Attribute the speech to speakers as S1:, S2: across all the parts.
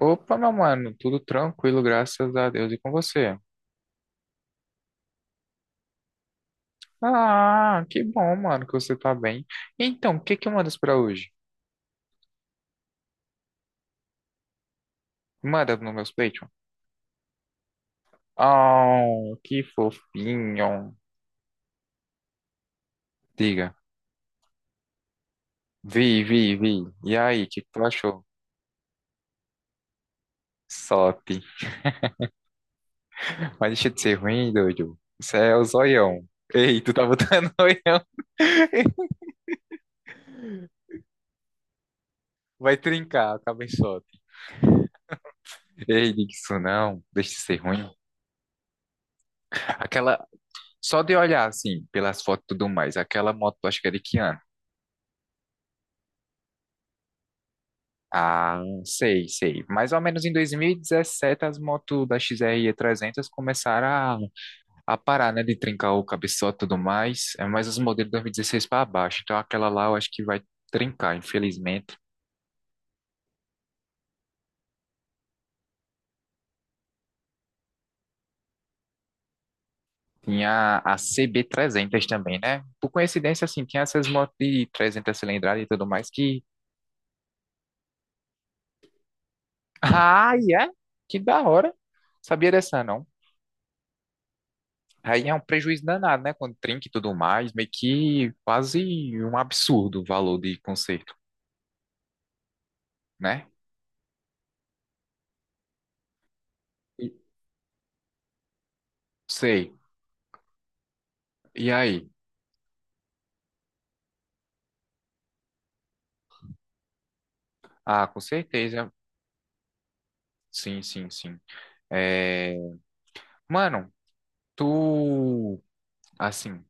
S1: Opa, meu mano, tudo tranquilo, graças a Deus. E com você? Ah, que bom, mano, que você tá bem. Então, o que que mandas pra hoje? Manda no meu Patreon. Oh, que fofinho. Diga. Vi, vi, vi. E aí, o que que tu achou? Sop. Mas deixa de ser ruim, doido. Isso é o zoião. Ei, tu tá botando zoião. Vai trincar, acaba em sop. Ei, diga isso não. Deixa de ser ruim. Aquela, Só de olhar, assim, pelas fotos e tudo mais, aquela moto, acho que é de que ano? Ah, sei, sei. Mais ou menos em 2017, as motos da X R e 300 começaram a parar, né, de trincar o cabeçote e tudo mais. É mais os modelos de 2016 para baixo. Então, aquela lá eu acho que vai trincar, infelizmente. Tinha a CB300 também, né? Por coincidência, assim, tinha essas motos de 300 cilindradas e tudo mais que... Ah, é? Que da hora. Sabia dessa, não? Aí é um prejuízo danado, né? Quando trinca e tudo mais, meio que quase um absurdo o valor de conserto, né? E- Sei. E aí? Ah, com certeza. Sim, sim, sim. É... Mano, tu, assim,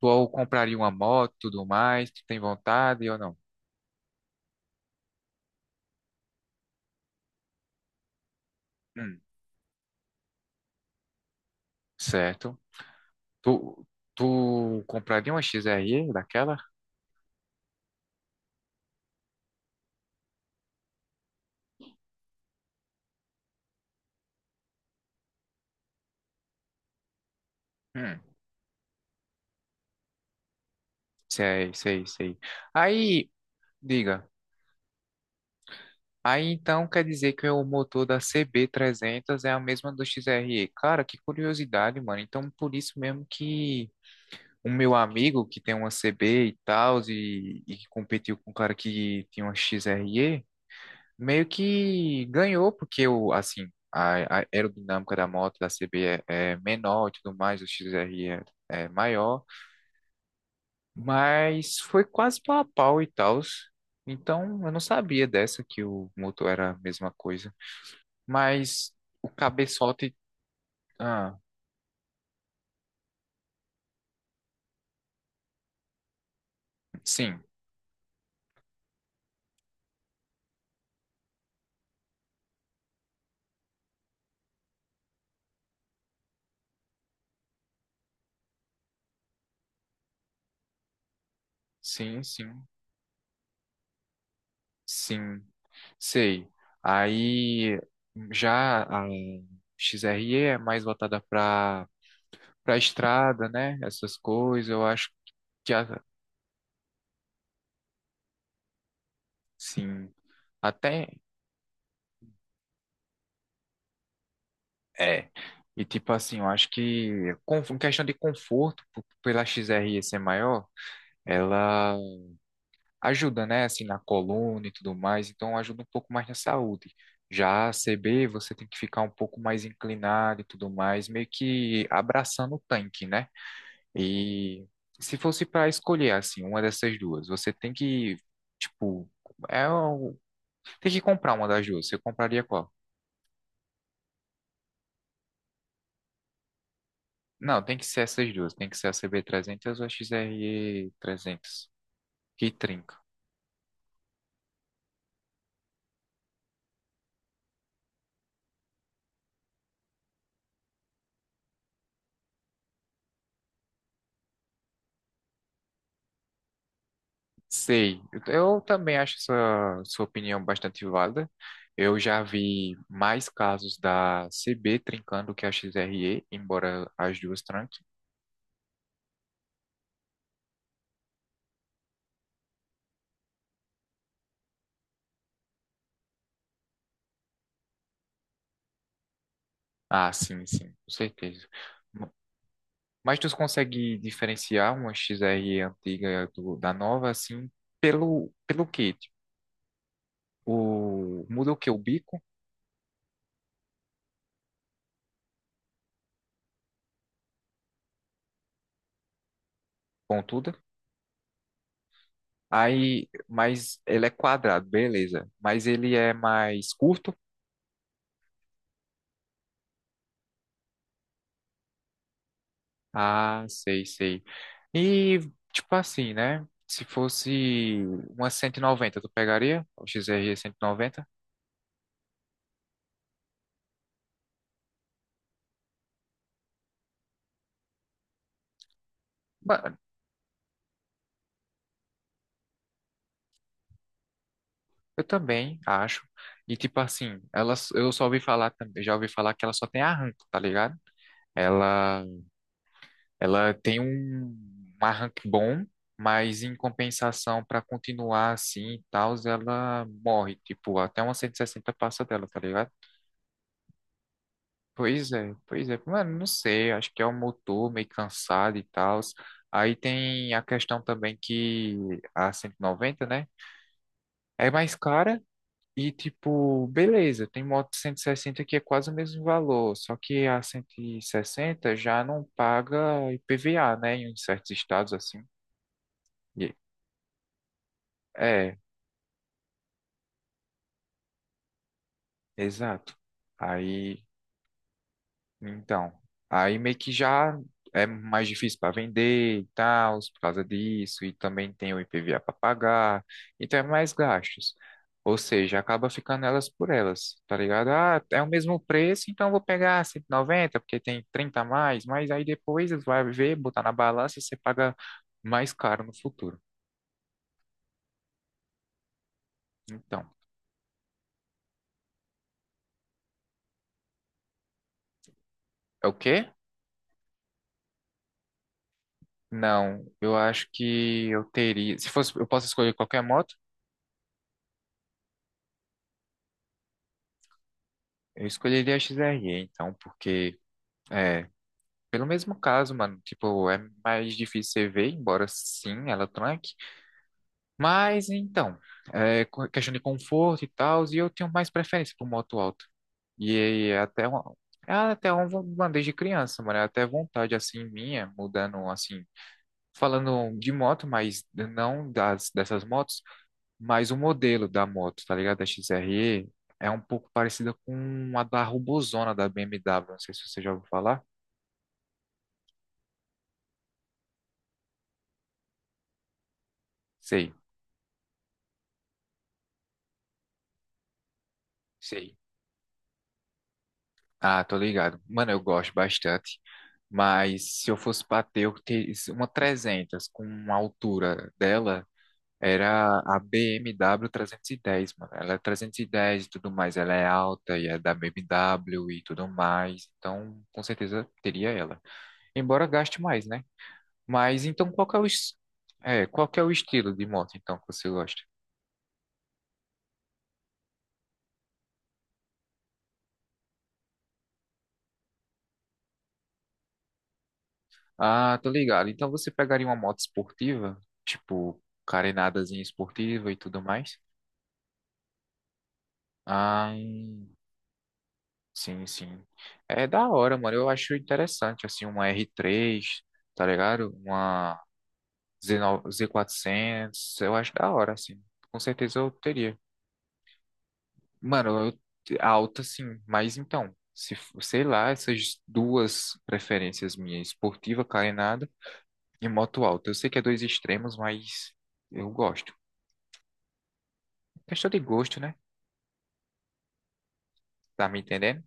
S1: tu compraria uma moto e tudo mais, tu tem vontade ou não? Hum, certo. Tu, tu compraria uma XRE daquela? Hum, sei, sei, sei. Aí, diga. Aí então quer dizer que o motor da CB300 é a mesma do XRE. Cara, que curiosidade, mano. Então por isso mesmo que o meu amigo que tem uma CB e tal, e que competiu com o cara que tinha uma XRE, meio que ganhou, porque o, assim, a aerodinâmica da moto da CB é menor e tudo mais, o XRE é maior, mas foi quase pau a pau e tal. Então eu não sabia dessa que o motor era a mesma coisa. Mas o cabeçote. Ah, sim, sim, sim, sim, sei. Aí já a XRE é mais voltada para estrada, né? Essas coisas, eu acho que assim, até é. E tipo assim, eu acho que em questão de conforto, pela XRE ser maior, ela ajuda, né, assim, na coluna e tudo mais, então ajuda um pouco mais na saúde. Já a CB, você tem que ficar um pouco mais inclinado e tudo mais, meio que abraçando o tanque, né? E se fosse para escolher, assim, uma dessas duas, você tem que, tipo, é, tem que comprar uma das duas, você compraria qual? Não, tem que ser essas duas, tem que ser a CB300 ou a XRE300, que trinca. Sei, eu também acho essa sua opinião bastante válida. Eu já vi mais casos da CB trincando que a XRE, embora as duas tranquem. Ah, sim, sim, com certeza. Ma- Mas tu consegue diferenciar uma XRE antiga da nova, assim, pelo quê? Tipo, muda o que? O bico, pontuda. Aí, mas ele é quadrado, beleza. Mas ele é mais curto. Ah, sei, sei. E, tipo assim, né? Se fosse uma 190, tu pegaria? O XRE 190? Ba- Eu também, acho. E, tipo assim, ela, eu só ouvi falar também, já ouvi falar que ela só tem arranco, tá ligado? Ela, ela tem um arranque bom, mas em compensação, pra continuar assim e tal, ela morre. Tipo, até uma 160 passa dela, tá ligado? Pois é, pois é. Mano, não sei, acho que é o motor meio cansado e tal. Aí tem a questão também que a 190, né? É mais cara e, tipo, beleza, tem moto 160 que é quase o mesmo valor, só que a 160 já não paga IPVA, né? Em certos estados assim. E- É, exato. Aí então, aí meio que já é mais difícil para vender e tal, por causa disso, e também tem o IPVA para pagar, então é mais gastos. Ou seja, acaba ficando elas por elas, tá ligado? Ah, é o mesmo preço, então eu vou pegar 190 porque tem 30 a mais, mas aí depois vai ver, botar na balança e você paga mais caro no futuro. Então, é o quê? Não, eu acho que eu teria. Se fosse, eu posso escolher qualquer moto, eu escolheria a XRE, então, porque. é, Pelo mesmo caso, mano, tipo, é mais difícil você ver, embora sim, ela tranque. Mas então, é questão de conforto e tal, e eu tenho mais preferência por moto alta. E aí é até uma desde criança, mano, é até vontade assim minha, mudando assim, falando de moto, mas não das dessas motos, mas o modelo da moto, tá ligado? Da XRE é um pouco parecida com a da Robozona da BMW, não sei se você já ouviu falar. Sei. Sei. Ah, tô ligado. Mano, eu gosto bastante. Mas se eu fosse bater, eu teria uma 300 com uma altura dela. Era a BMW 10, mano. Ela é 310 e 10 e tudo mais. Ela é alta e é da BMW e tudo mais. Então, com certeza teria ela. Embora gaste mais, né? Mas então, qual que é o estilo de moto, então, que você gosta? Ah, tô ligado. Então, você pegaria uma moto esportiva? Tipo, carenadazinha esportiva e tudo mais? Ah, sim, sim. É da hora, mano. Eu acho interessante, assim, uma R3, tá ligado? Uma Z9 Z400. Eu acho da hora, assim. Com certeza eu teria. Mano, eu, alta, sim. Mas então, se, f- sei lá, essas duas preferências minhas, esportiva, carenada e moto alta. Eu sei que é dois extremos, mas eu gosto. Questão de gosto, né? Tá me entendendo?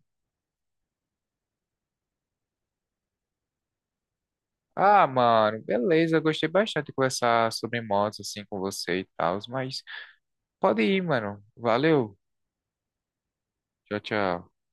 S1: Ah, mano, beleza. Gostei bastante de conversar sobre motos assim com você e tal, mas pode ir, mano. Valeu. Tchau, tchau.